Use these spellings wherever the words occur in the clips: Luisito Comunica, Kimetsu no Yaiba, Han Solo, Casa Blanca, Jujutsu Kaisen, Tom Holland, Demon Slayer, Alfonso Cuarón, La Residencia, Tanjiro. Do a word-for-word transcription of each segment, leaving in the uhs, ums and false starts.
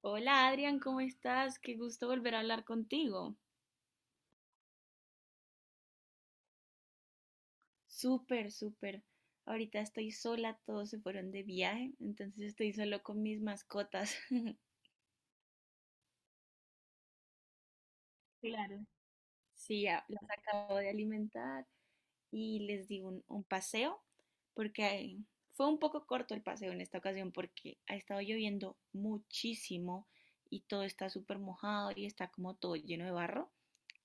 Hola Adrián, ¿cómo estás? Qué gusto volver a hablar contigo. Súper, súper. Ahorita estoy sola, todos se fueron de viaje, entonces estoy solo con mis mascotas. Claro. Sí, a- las acabo de alimentar y les di un, un paseo, porque eh, fue un poco corto el paseo en esta ocasión porque ha estado lloviendo muchísimo y todo está súper mojado y está como todo lleno de barro.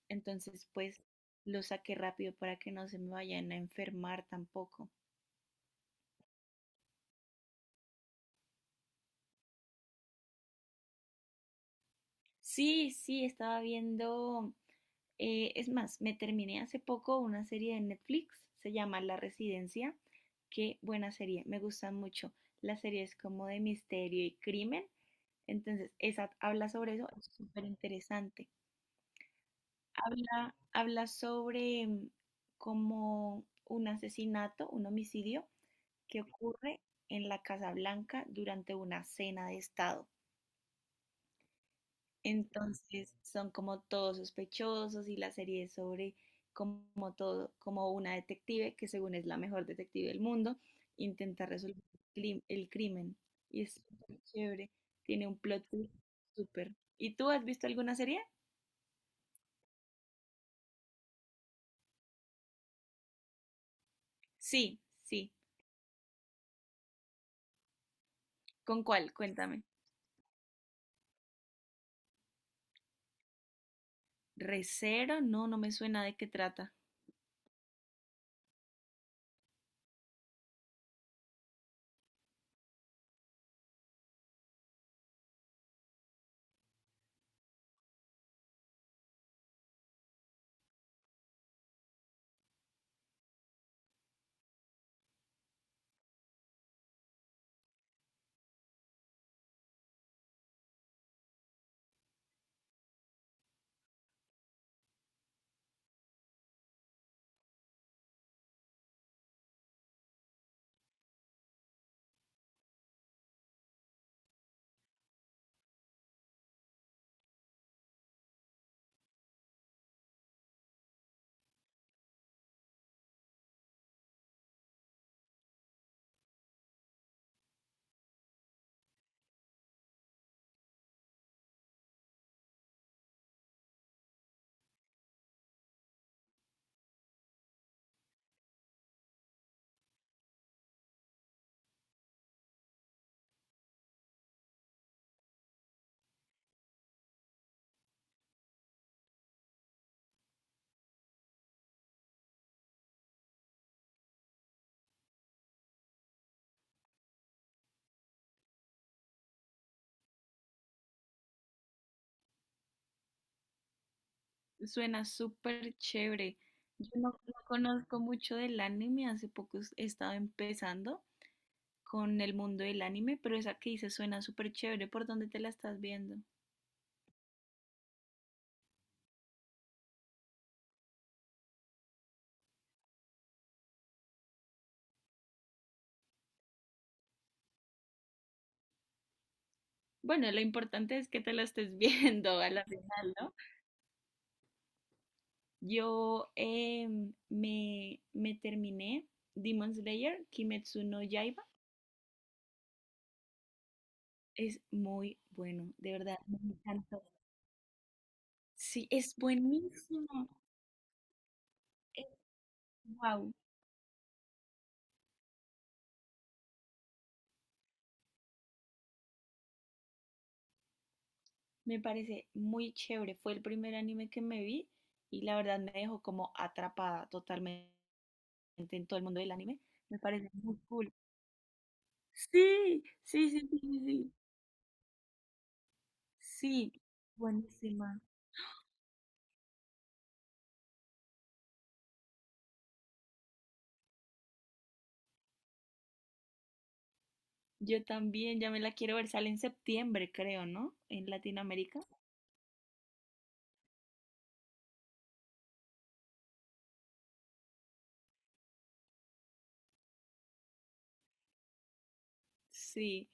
Entonces, pues lo saqué rápido para que no se me vayan a enfermar tampoco. Sí, sí, estaba viendo, eh, es más, me terminé hace poco una serie de Netflix, se llama La Residencia. Qué buena serie, me gusta mucho. La serie es como de misterio y crimen, entonces esa habla sobre eso, es súper interesante. Habla, habla sobre mm, como un asesinato, un homicidio, que ocurre en la Casa Blanca durante una cena de Estado. Entonces son como todos sospechosos y la serie es sobre como todo, como una detective que según es la mejor detective del mundo, intenta resolver el crim- el crimen. Y es súper chévere, tiene un plot twist súper. ¿Y tú has visto alguna serie? Sí, sí. ¿Con cuál? Cuéntame. Recero, no, no me suena de qué trata. Suena súper chévere. Yo no, no conozco mucho del anime, hace poco es- he estado empezando con el mundo del anime, pero esa que dices suena súper chévere. ¿Por dónde te la estás viendo? Bueno, lo importante es que te la estés viendo a la final, ¿no? Yo em, me, me terminé Demon Slayer, Kimetsu no Yaiba. Es muy bueno, de verdad, me encantó. Sí, es buenísimo. Es, me parece muy chévere. Fue el primer anime que me vi y la verdad me dejó como atrapada totalmente en todo el mundo del anime. Me parece muy cool. Sí, sí, sí, sí, sí. Sí, sí, buenísima. Yo también, ya me la quiero ver. Sale en septiembre, creo, ¿no? En Latinoamérica. Sí.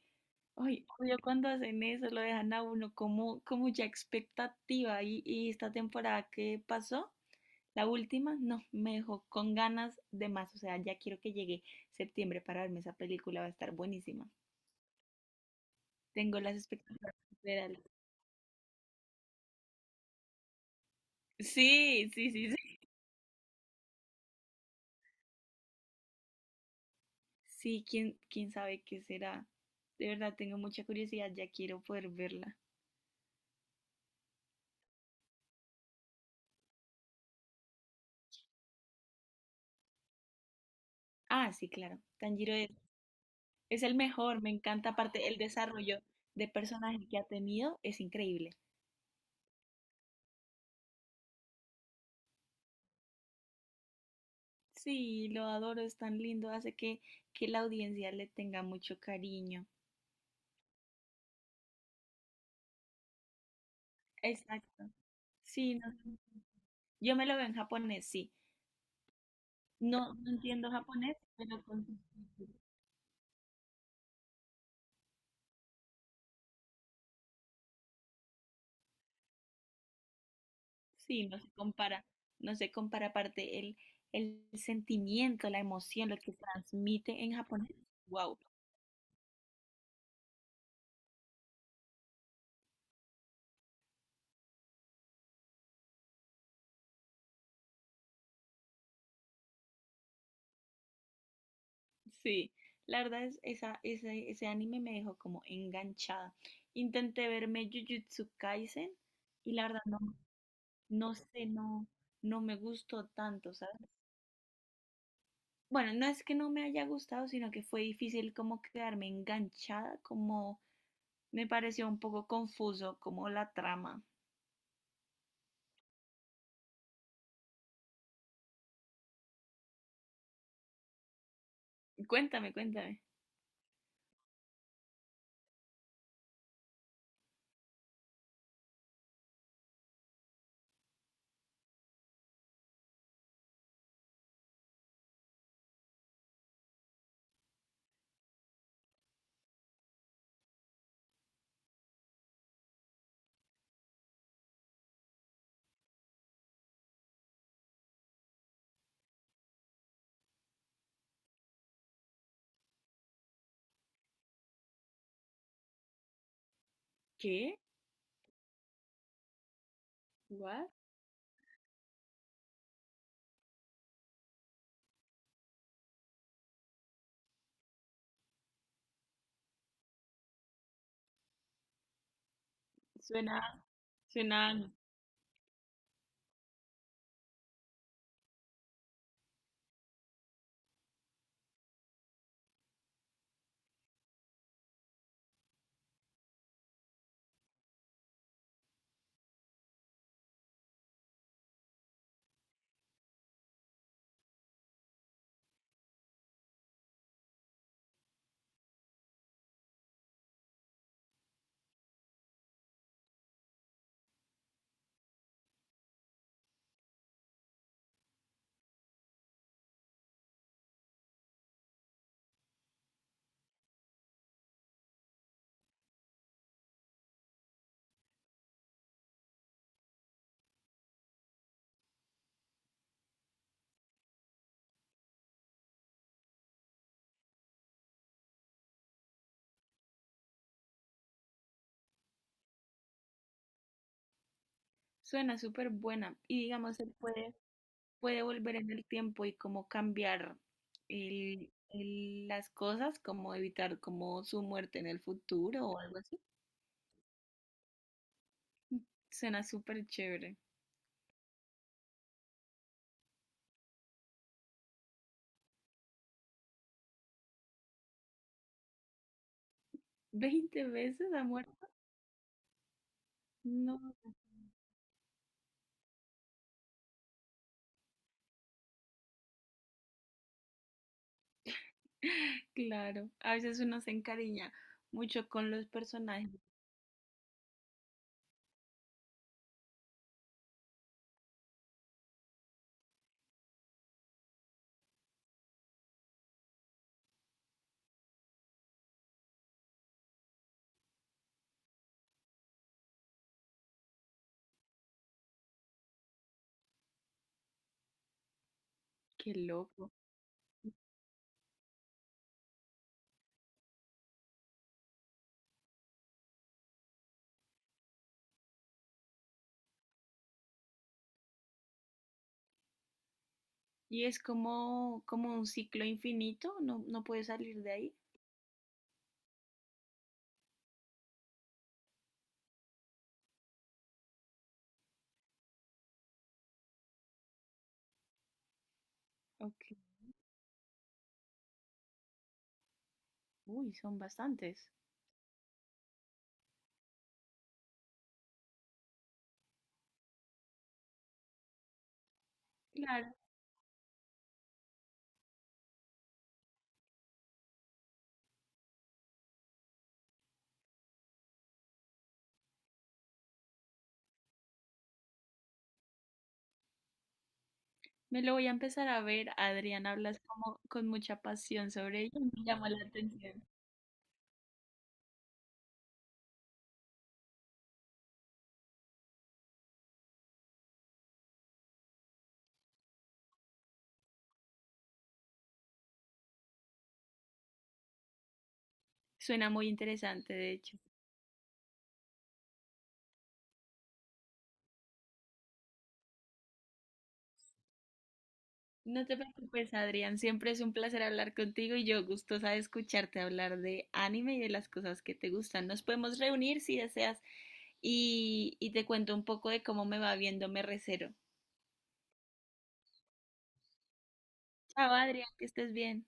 Ay, odio cuando hacen eso, lo dejan a uno como, como ya expectativa. Y, y esta temporada que pasó, la última, no, me dejó con ganas de más, o sea, ya quiero que llegue septiembre para verme esa película, va a estar buenísima. Tengo las expectativas súper. Sí, sí, sí, sí. Sí, quién, quién sabe qué será. De verdad, tengo mucha curiosidad, ya quiero poder verla. Ah, sí, claro. Tanjiro es, es el mejor, me encanta. Aparte, el desarrollo de personaje que ha tenido es increíble. Sí, lo adoro, es tan lindo, hace que, que la audiencia le tenga mucho cariño. Exacto. Sí, no. Yo me lo veo en japonés, sí. No, no entiendo japonés, pero con subtítulos. Sí, no se compara, no se compara aparte el, el sentimiento, la emoción, lo que transmite en japonés. Wow, sí. La verdad es esa, ese, ese anime me dejó como enganchada. Intenté verme Jujutsu Kaisen y la verdad no, no sé, no, no me gustó tanto, ¿sabes? Bueno, no es que no me haya gustado, sino que fue difícil como quedarme enganchada, como me pareció un poco confuso como la trama. Cuéntame, cuéntame. ¿Qué? ¿What? Suena, suena, suena súper buena. Y digamos, se puede, puede volver en el tiempo y como cambiar el, el- las cosas, como evitar como su muerte en el futuro o algo así. Suena súper chévere. ¿Veinte veces ha muerto? No, claro. A veces uno se encariña mucho con los personajes. Qué loco. Y es como, como un ciclo infinito, no, no puedes salir de ahí. Ok. Uy, son bastantes. Claro. Me lo voy a empezar a ver. Adrián, hablas como con mucha pasión sobre ello. Me llama la atención. Suena muy interesante, de hecho. No te preocupes, Adrián. Siempre es un placer hablar contigo y yo gustosa de escucharte hablar de anime y de las cosas que te gustan. Nos podemos reunir si deseas y, y te cuento un poco de cómo me va viendo Me Recero. Chao, Adrián, que estés bien.